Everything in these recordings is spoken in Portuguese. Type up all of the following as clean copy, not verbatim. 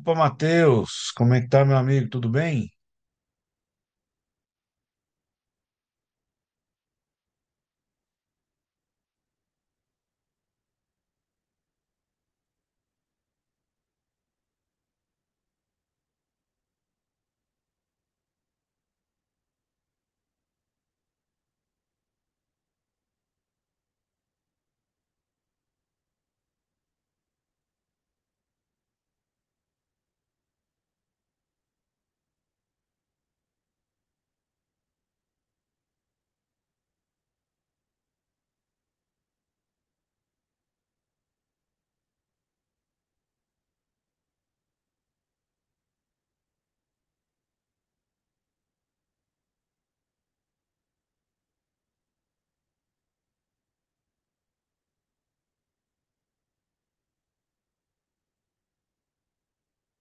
Opa, Matheus, como é que tá, meu amigo? Tudo bem?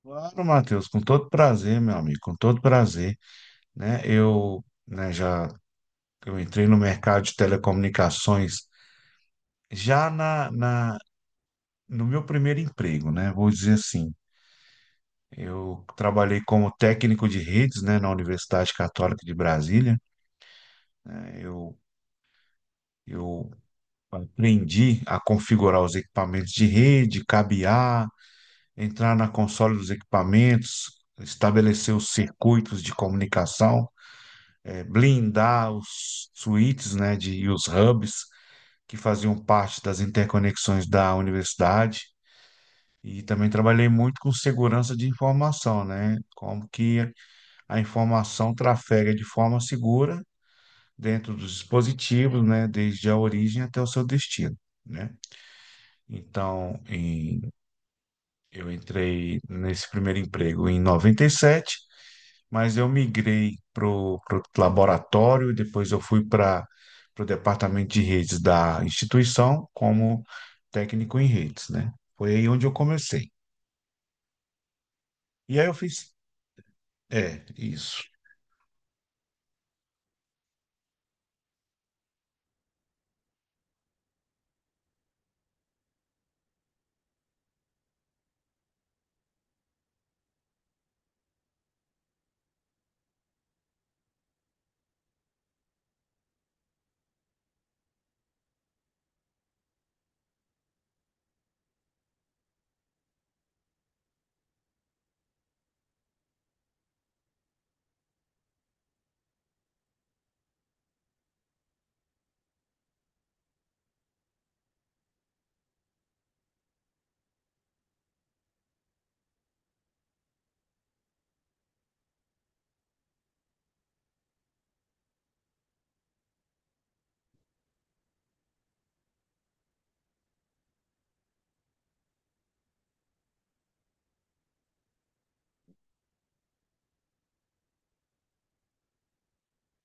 Claro, Matheus, com todo prazer, meu amigo, com todo prazer, né? Eu, né, já eu entrei no mercado de telecomunicações já na, na no meu primeiro emprego, né? Vou dizer assim, eu trabalhei como técnico de redes, né, na Universidade Católica de Brasília, né? Eu aprendi a configurar os equipamentos de rede, cabear entrar na console dos equipamentos, estabelecer os circuitos de comunicação, blindar os switches, né, de, e os hubs que faziam parte das interconexões da universidade. E também trabalhei muito com segurança de informação, né? Como que a informação trafega de forma segura dentro dos dispositivos, né? Desde a origem até o seu destino, né? Então, eu entrei nesse primeiro emprego em noventa e sete, mas eu migrei para o laboratório, depois eu fui para o departamento de redes da instituição como técnico em redes, né? Foi aí onde eu comecei. E aí eu fiz, é, isso,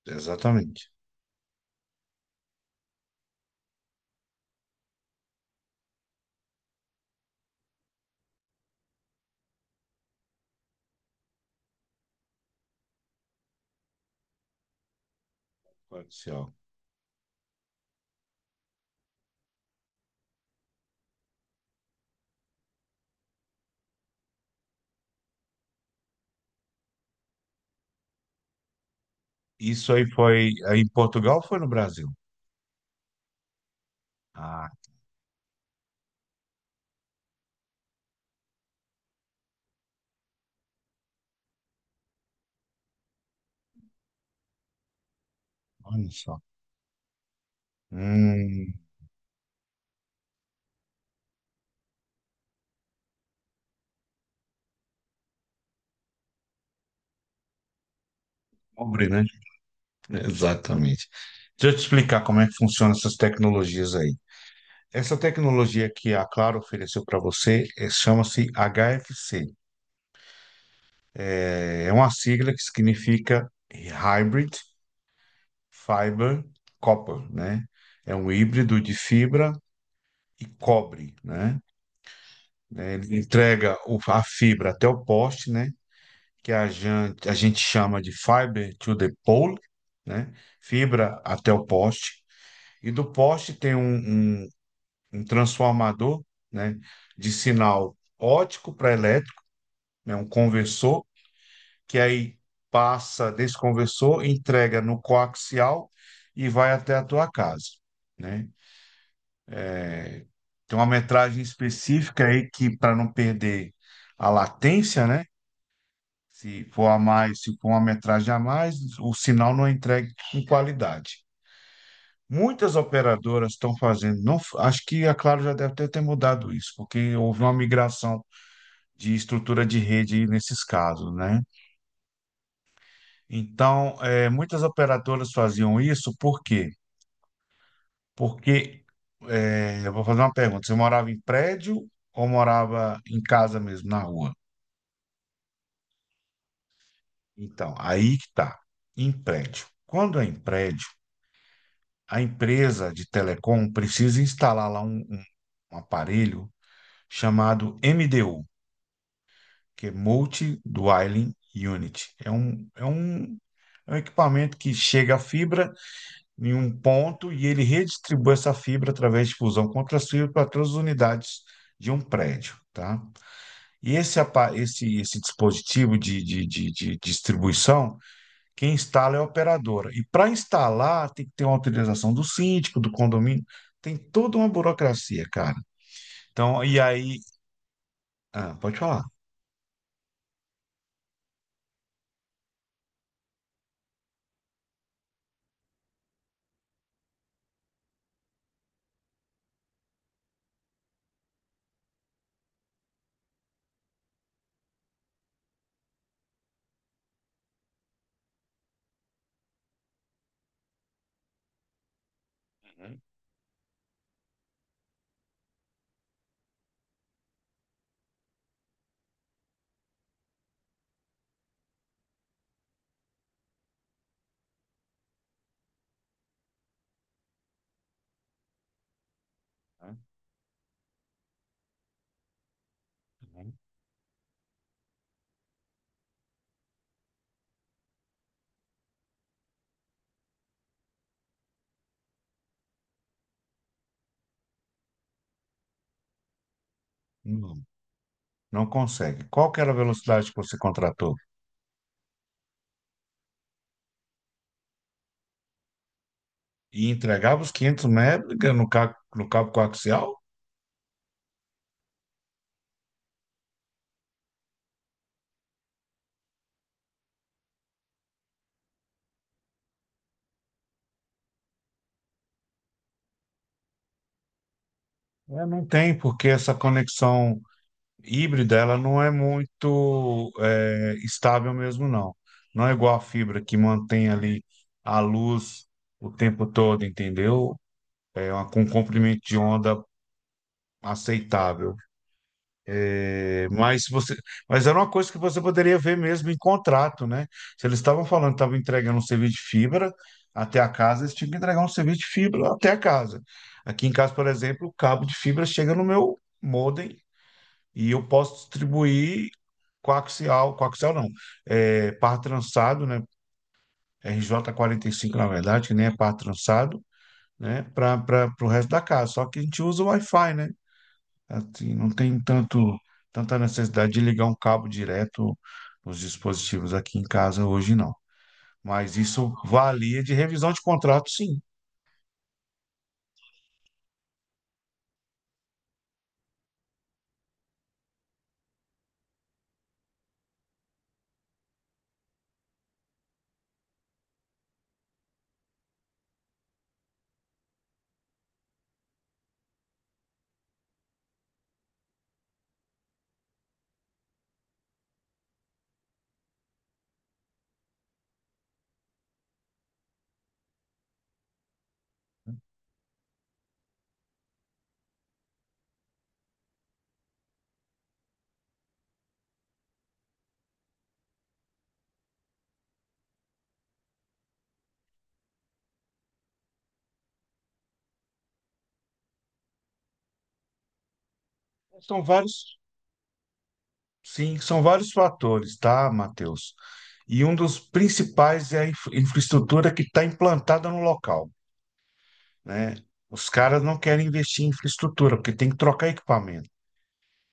exatamente. Comercial. Isso aí foi aí em Portugal ou foi no Brasil? Ah, olha só. Hum, pobre, né? Exatamente. Deixa eu te explicar como é que funcionam essas tecnologias aí. Essa tecnologia que a Claro ofereceu para você chama-se HFC. É uma sigla que significa Hybrid Fiber Copper, né? É um híbrido de fibra e cobre, né? Ele entrega a fibra até o poste, né? Que a gente chama de fiber to the pole, né? Fibra até o poste. E do poste tem um transformador, né? De sinal óptico para elétrico, né? Um conversor que aí passa, desconversou, entrega no coaxial e vai até a tua casa, né? Tem uma metragem específica aí que para não perder a latência, né? Se for a mais, se for uma metragem a mais, o sinal não é entregue com qualidade. Muitas operadoras estão fazendo, não, acho que a Claro já deve ter mudado isso, porque houve uma migração de estrutura de rede nesses casos, né? Então, muitas operadoras faziam isso porque Porque, é, eu vou fazer uma pergunta. Você morava em prédio ou morava em casa mesmo, na rua? Então, aí que tá. Em prédio. Quando é em prédio, a empresa de telecom precisa instalar lá um aparelho chamado MDU, que é Multi Dwelling Unit. É um equipamento que chega a fibra em um ponto e ele redistribui essa fibra através de fusão contra as fibras para todas as unidades de um prédio, tá? E esse dispositivo de distribuição, quem instala é a operadora. E para instalar, tem que ter uma autorização do síndico, do condomínio, tem toda uma burocracia, cara. Então, e aí. Ah, pode falar. Uhum, uhum, uhum. Não, não consegue. Qual que era a velocidade que você contratou? E entregava os 500 mega no cabo coaxial? É, não tem, porque essa conexão híbrida, ela não é muito estável mesmo, não. Não é igual a fibra que mantém ali a luz o tempo todo, entendeu? É uma, com um comprimento de onda aceitável. É, mas você, mas era uma coisa que você poderia ver mesmo em contrato, né? Se eles estavam falando, que estavam entregando um serviço de fibra até a casa, eles tinham que entregar um serviço de fibra até a casa. Aqui em casa, por exemplo, o cabo de fibra chega no meu modem e eu posso distribuir coaxial, coaxial não, par trançado, né? RJ5 na verdade, que nem é par trançado, né? Para o resto da casa. Só que a gente usa o Wi-Fi, né? Assim, não tem tanta necessidade de ligar um cabo direto nos dispositivos aqui em casa hoje, não. Mas isso valia de revisão de contrato, sim. São vários, Sim, são vários fatores, tá, Matheus? E um dos principais é a infraestrutura que está implantada no local, né? Os caras não querem investir em infraestrutura, porque tem que trocar equipamento.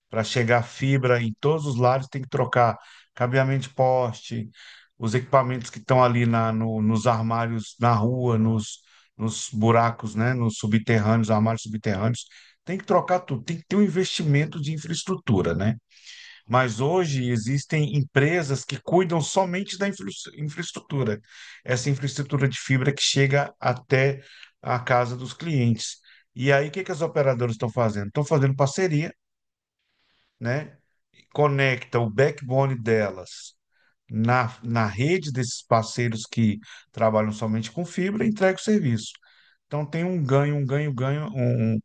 Para chegar fibra em todos os lados, tem que trocar cabeamento de poste, os equipamentos que estão ali na, no- nos armários na rua, nos buracos, né? Nos subterrâneos, armários subterrâneos. Tem que trocar tudo, tem que ter um investimento de infraestrutura, né? Mas hoje existem empresas que cuidam somente da infraestrutura, essa infraestrutura de fibra que chega até a casa dos clientes. E aí, o que que as operadoras estão fazendo? Estão fazendo parceria, né? Conecta o backbone delas na rede desses parceiros que trabalham somente com fibra e entrega o serviço. Então, tem um ganho, ganho, um, um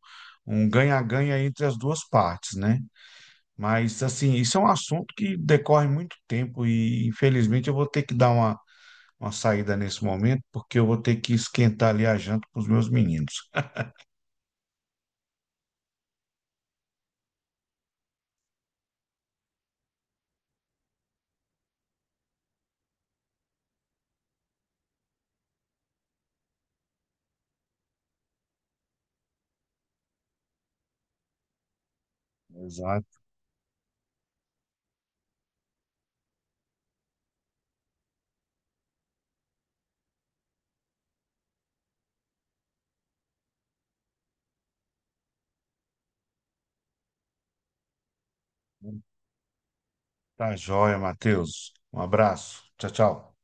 um ganha-ganha entre as duas partes, né? Mas, assim, isso é um assunto que decorre muito tempo e, infelizmente, eu vou ter que dar uma saída nesse momento, porque eu vou ter que esquentar ali a janta para os meus meninos. Exato. Tá joia, Matheus. Um abraço. Tchau, tchau.